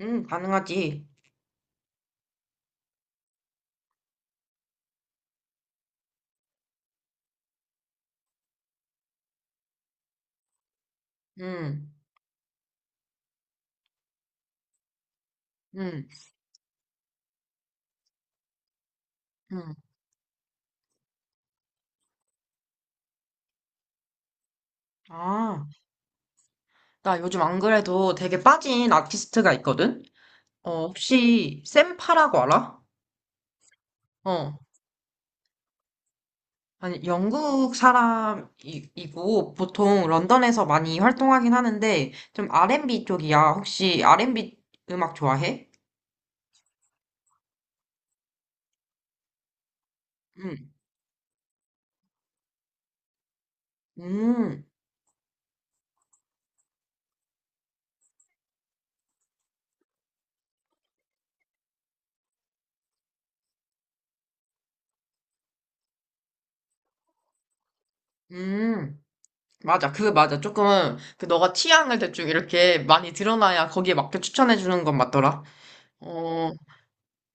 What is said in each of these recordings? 응, 가능하지. 응, 응, 응. 아, 나 요즘 안 그래도 되게 빠진 아티스트가 있거든? 어, 혹시 샘파라고 알아? 어, 아니, 영국 사람이고 보통 런던에서 많이 활동하긴 하는데 좀 R&B 쪽이야. 혹시 R&B 음악 좋아해? 음, 음, 음. 맞아. 그 맞아. 조금 그 너가 취향을 대충 이렇게 많이 드러나야 거기에 맞게 추천해 주는 건 맞더라. 어,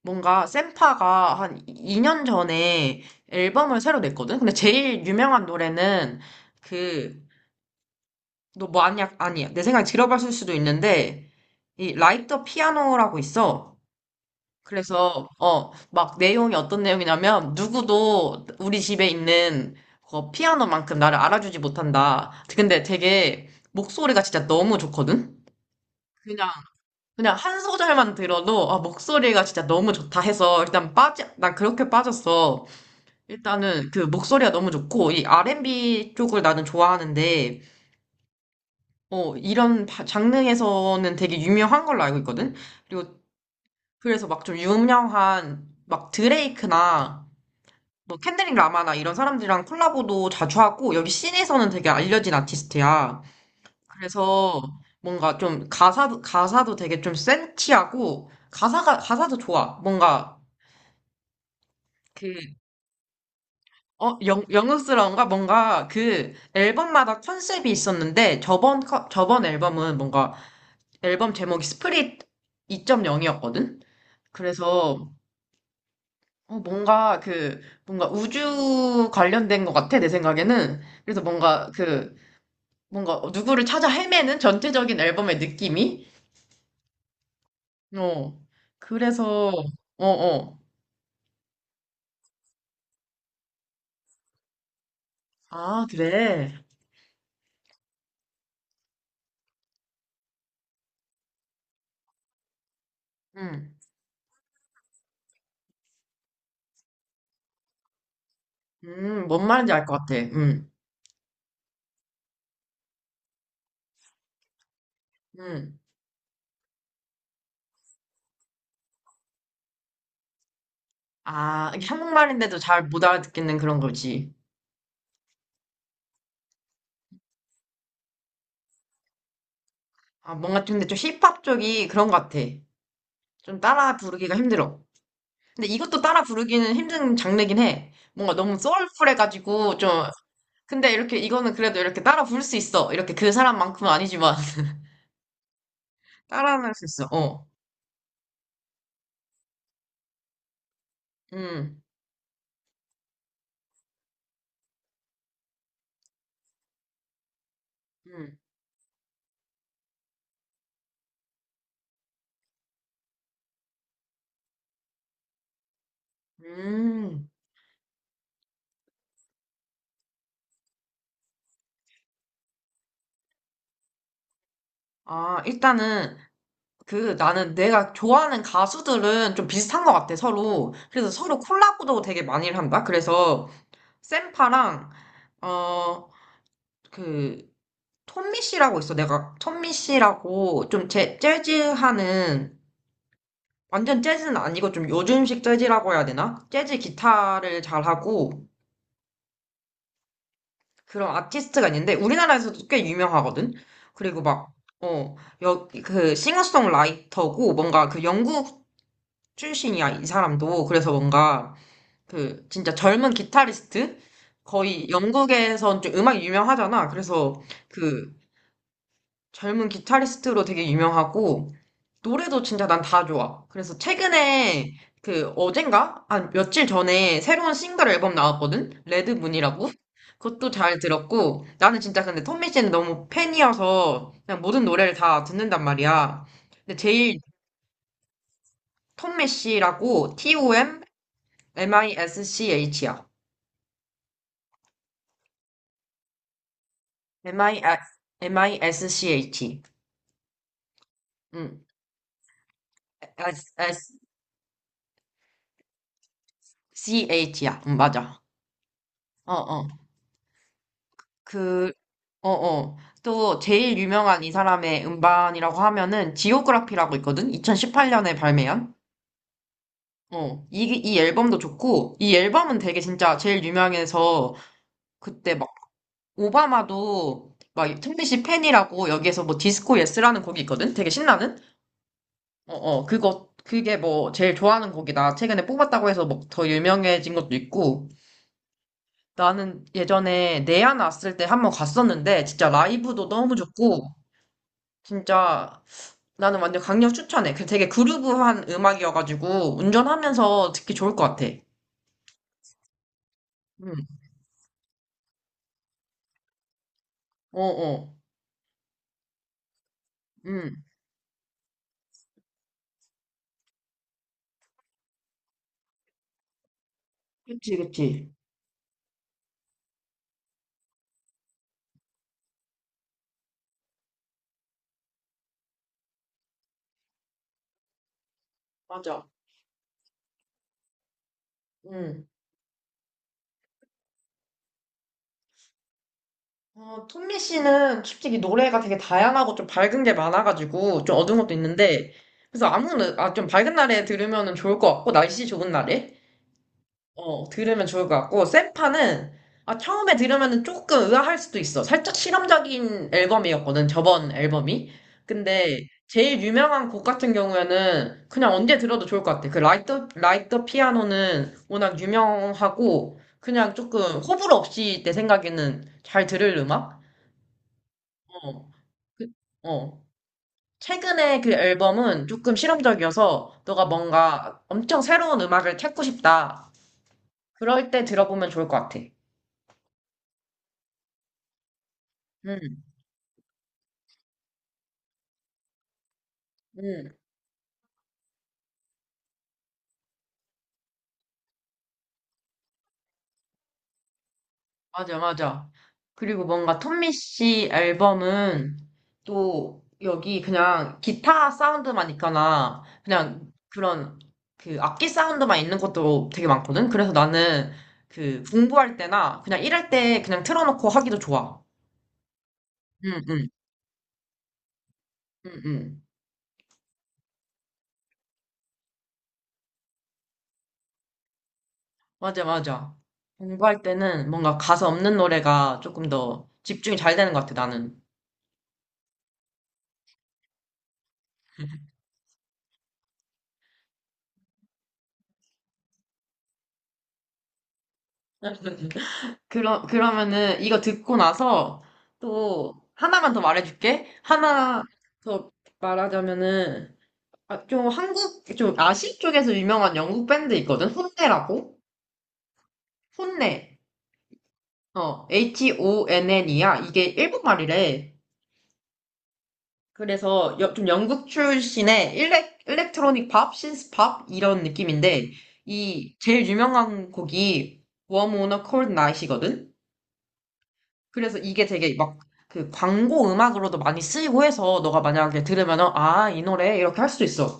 뭔가 센파가 한 2년 전에 앨범을 새로 냈거든? 근데 제일 유명한 노래는 그, 너 뭐 아니야? 아니야. 내 생각에 들어봤을 수도 있는데, 이 라이터 피아노라고 있어. 그래서, 어, 막 내용이 어떤 내용이냐면, 누구도 우리 집에 있는 그 피아노만큼 나를 알아주지 못한다. 근데 되게 목소리가 진짜 너무 좋거든? 그냥, 그냥 한 소절만 들어도, 아, 목소리가 진짜 너무 좋다 해서, 일단 빠져, 난 그렇게 빠졌어. 일단은 그 목소리가 너무 좋고, 이 R&B 쪽을 나는 좋아하는데, 어, 이런 장르에서는 되게 유명한 걸로 알고 있거든? 그리고 그래서 막 좀 유명한, 막 드레이크나, 뭐 켄드릭 라마나 이런 사람들이랑 콜라보도 자주 하고, 여기 씬에서는 되게 알려진 아티스트야. 그래서 뭔가 좀 가사도 되게 좀 센치하고, 가사도 좋아. 뭔가 그 영웅스러운가? 뭔가 그 앨범마다 컨셉이 있었는데 저번, 저번 앨범은 뭔가 앨범 제목이 스프릿 2.0이었거든? 그래서 어, 뭔가 그 뭔가 우주 관련된 것 같아, 내 생각에는. 그래서 뭔가 누구를 찾아 헤매는 전체적인 앨범의 느낌이? 어, 그래서 어, 어. 아, 그래. 음, 뭔 말인지 알 것 같아. 음. 아, 이게 한국말인데도 잘 못 알아듣겠는 그런 거지. 아, 뭔가 좀, 근데 좀 힙합 쪽이 그런 것 같아. 좀 따라 부르기가 힘들어. 근데 이것도 따라 부르기는 힘든 장르긴 해. 뭔가 너무 소울풀해가지고 좀, 근데 이렇게, 이거는 그래도 이렇게 따라 부를 수 있어. 이렇게 그 사람만큼은 아니지만, 따라는 할 수 있어. 어. 음, 음, 음. 아, 일단은, 그, 나는 내가 좋아하는 가수들은 좀 비슷한 것 같아, 서로. 그래서 서로 콜라보도 되게 많이 한다. 그래서, 샘파랑, 어, 그, 톰미 씨라고 있어. 내가 톰미 씨라고 좀 재즈 하는, 완전 재즈는 아니고 좀 요즘식 재즈라고 해야 되나? 재즈 기타를 잘하고 그런 아티스트가 있는데 우리나라에서도 꽤 유명하거든? 그리고 막, 어, 그 싱어송라이터고 뭔가 그 영국 출신이야, 이 사람도. 그래서 뭔가 그 진짜 젊은 기타리스트? 거의 영국에선 좀 음악이 유명하잖아. 그래서 그 젊은 기타리스트로 되게 유명하고, 노래도 진짜 난 다 좋아. 그래서 최근에, 그, 어젠가? 한 며칠 전에 새로운 싱글 앨범 나왔거든? 레드문이라고? 그것도 잘 들었고, 나는 진짜 근데 톰미 씨는 너무 팬이어서, 그냥 모든 노래를 다 듣는단 말이야. 근데 제일 톰미 씨라고, T-O-M, M-I-S-C-H야. M-I-S, M-I-S-C-H. 응, S-S-C-H야. 응, 맞아. 어어. 그, 어어. 또 제일 유명한 이 사람의 음반이라고 하면은 지오그라피라고 있거든? 2018년에 발매한? 어. 이, 이 앨범도 좋고, 이 앨범은 되게 진짜 제일 유명해서 그때 막 오바마도 막 틈비 씨 팬이라고 여기에서 뭐 디스코 예스라는 곡이 있거든? 되게 신나는? 어어. 그게 뭐 제일 좋아하는 곡이다. 최근에 뽑았다고 해서 막 더 유명해진 것도 있고. 나는 예전에 내안 왔을 때 한 번 갔었는데 진짜 라이브도 너무 좋고 진짜 나는 완전 강력 추천해. 그 되게 그루브한 음악이어가지고 운전하면서 듣기 좋을 것 같아. 응, 어, 어, 응. 그치, 그치. 맞아. 응. 어, 톰미 씨는 솔직히 노래가 되게 다양하고 좀 밝은 게 많아가지고 좀 어두운 것도 있는데 그래서 아무, 아, 좀 밝은 날에 들으면 좋을 것 같고 날씨 좋은 날에. 어, 들으면 좋을 것 같고, 세파는, 아, 처음에 들으면 조금 의아할 수도 있어. 살짝 실험적인 앨범이었거든, 저번 앨범이. 근데, 제일 유명한 곡 같은 경우에는 그냥 언제 들어도 좋을 것 같아. 그 라이트 피아노는 워낙 유명하고, 그냥 조금 호불호 없이 내 생각에는 잘 들을 음악? 어, 그- 어. 최근에 그 앨범은 조금 실험적이어서, 너가 뭔가 엄청 새로운 음악을 찾고 싶다. 그럴 때 들어보면 좋을 것 같아. 음. 응, 맞아, 맞아. 그리고 뭔가 톰미 씨 앨범은 또 여기 그냥 기타 사운드만 있거나 그냥 그런 그 악기 사운드만 있는 것도 되게 많거든. 그래서 나는 그 공부할 때나 그냥 일할 때 그냥 틀어놓고 하기도 좋아. 응, 응, 응, 응. 맞아, 맞아. 공부할 때는 뭔가 가사 없는 노래가 조금 더 집중이 잘 되는 것 같아, 나는. 그러면은 이거 듣고 나서 또 하나만 더 말해줄게. 하나 더 말하자면은 아, 좀 아시 쪽에서 유명한 영국 밴드 있거든? 혼내라고? 혼내. 어, H-O-N-N이야. 이게 일본말이래. 그래서 좀 영국 출신의 일렉트로닉 팝, 신스 팝 이런 느낌인데 이 제일 유명한 곡이 Warm on a Cold Night이거든? 그래서 이게 되게 막 그 광고 음악으로도 많이 쓰이고 해서 너가 만약에 들으면은 아, 이 노래 이렇게 할 수도 있어.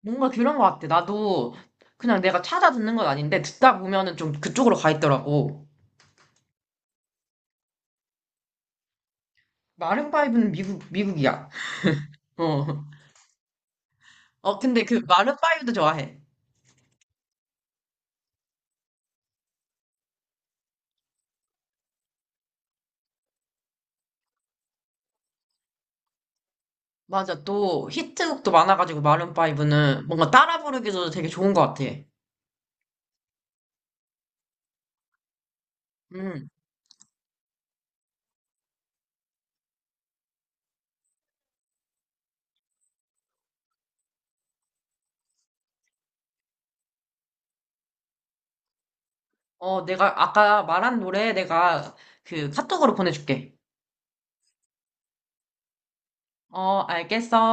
뭔가 그런 것 같아. 나도 그냥 내가 찾아 듣는 건 아닌데 듣다 보면은 좀 그쪽으로 가 있더라고. 마룬파이브는 미국 미국이야. 어. 어, 근데 그 마룬파이브도 좋아해. 맞아. 또 히트곡도 많아가지고 마룬파이브는 뭔가 따라 부르기도 되게 좋은 것 같아. 음. 어, 내가 아까 말한 노래 내가 그 카톡으로 보내줄게. 어, 알겠어.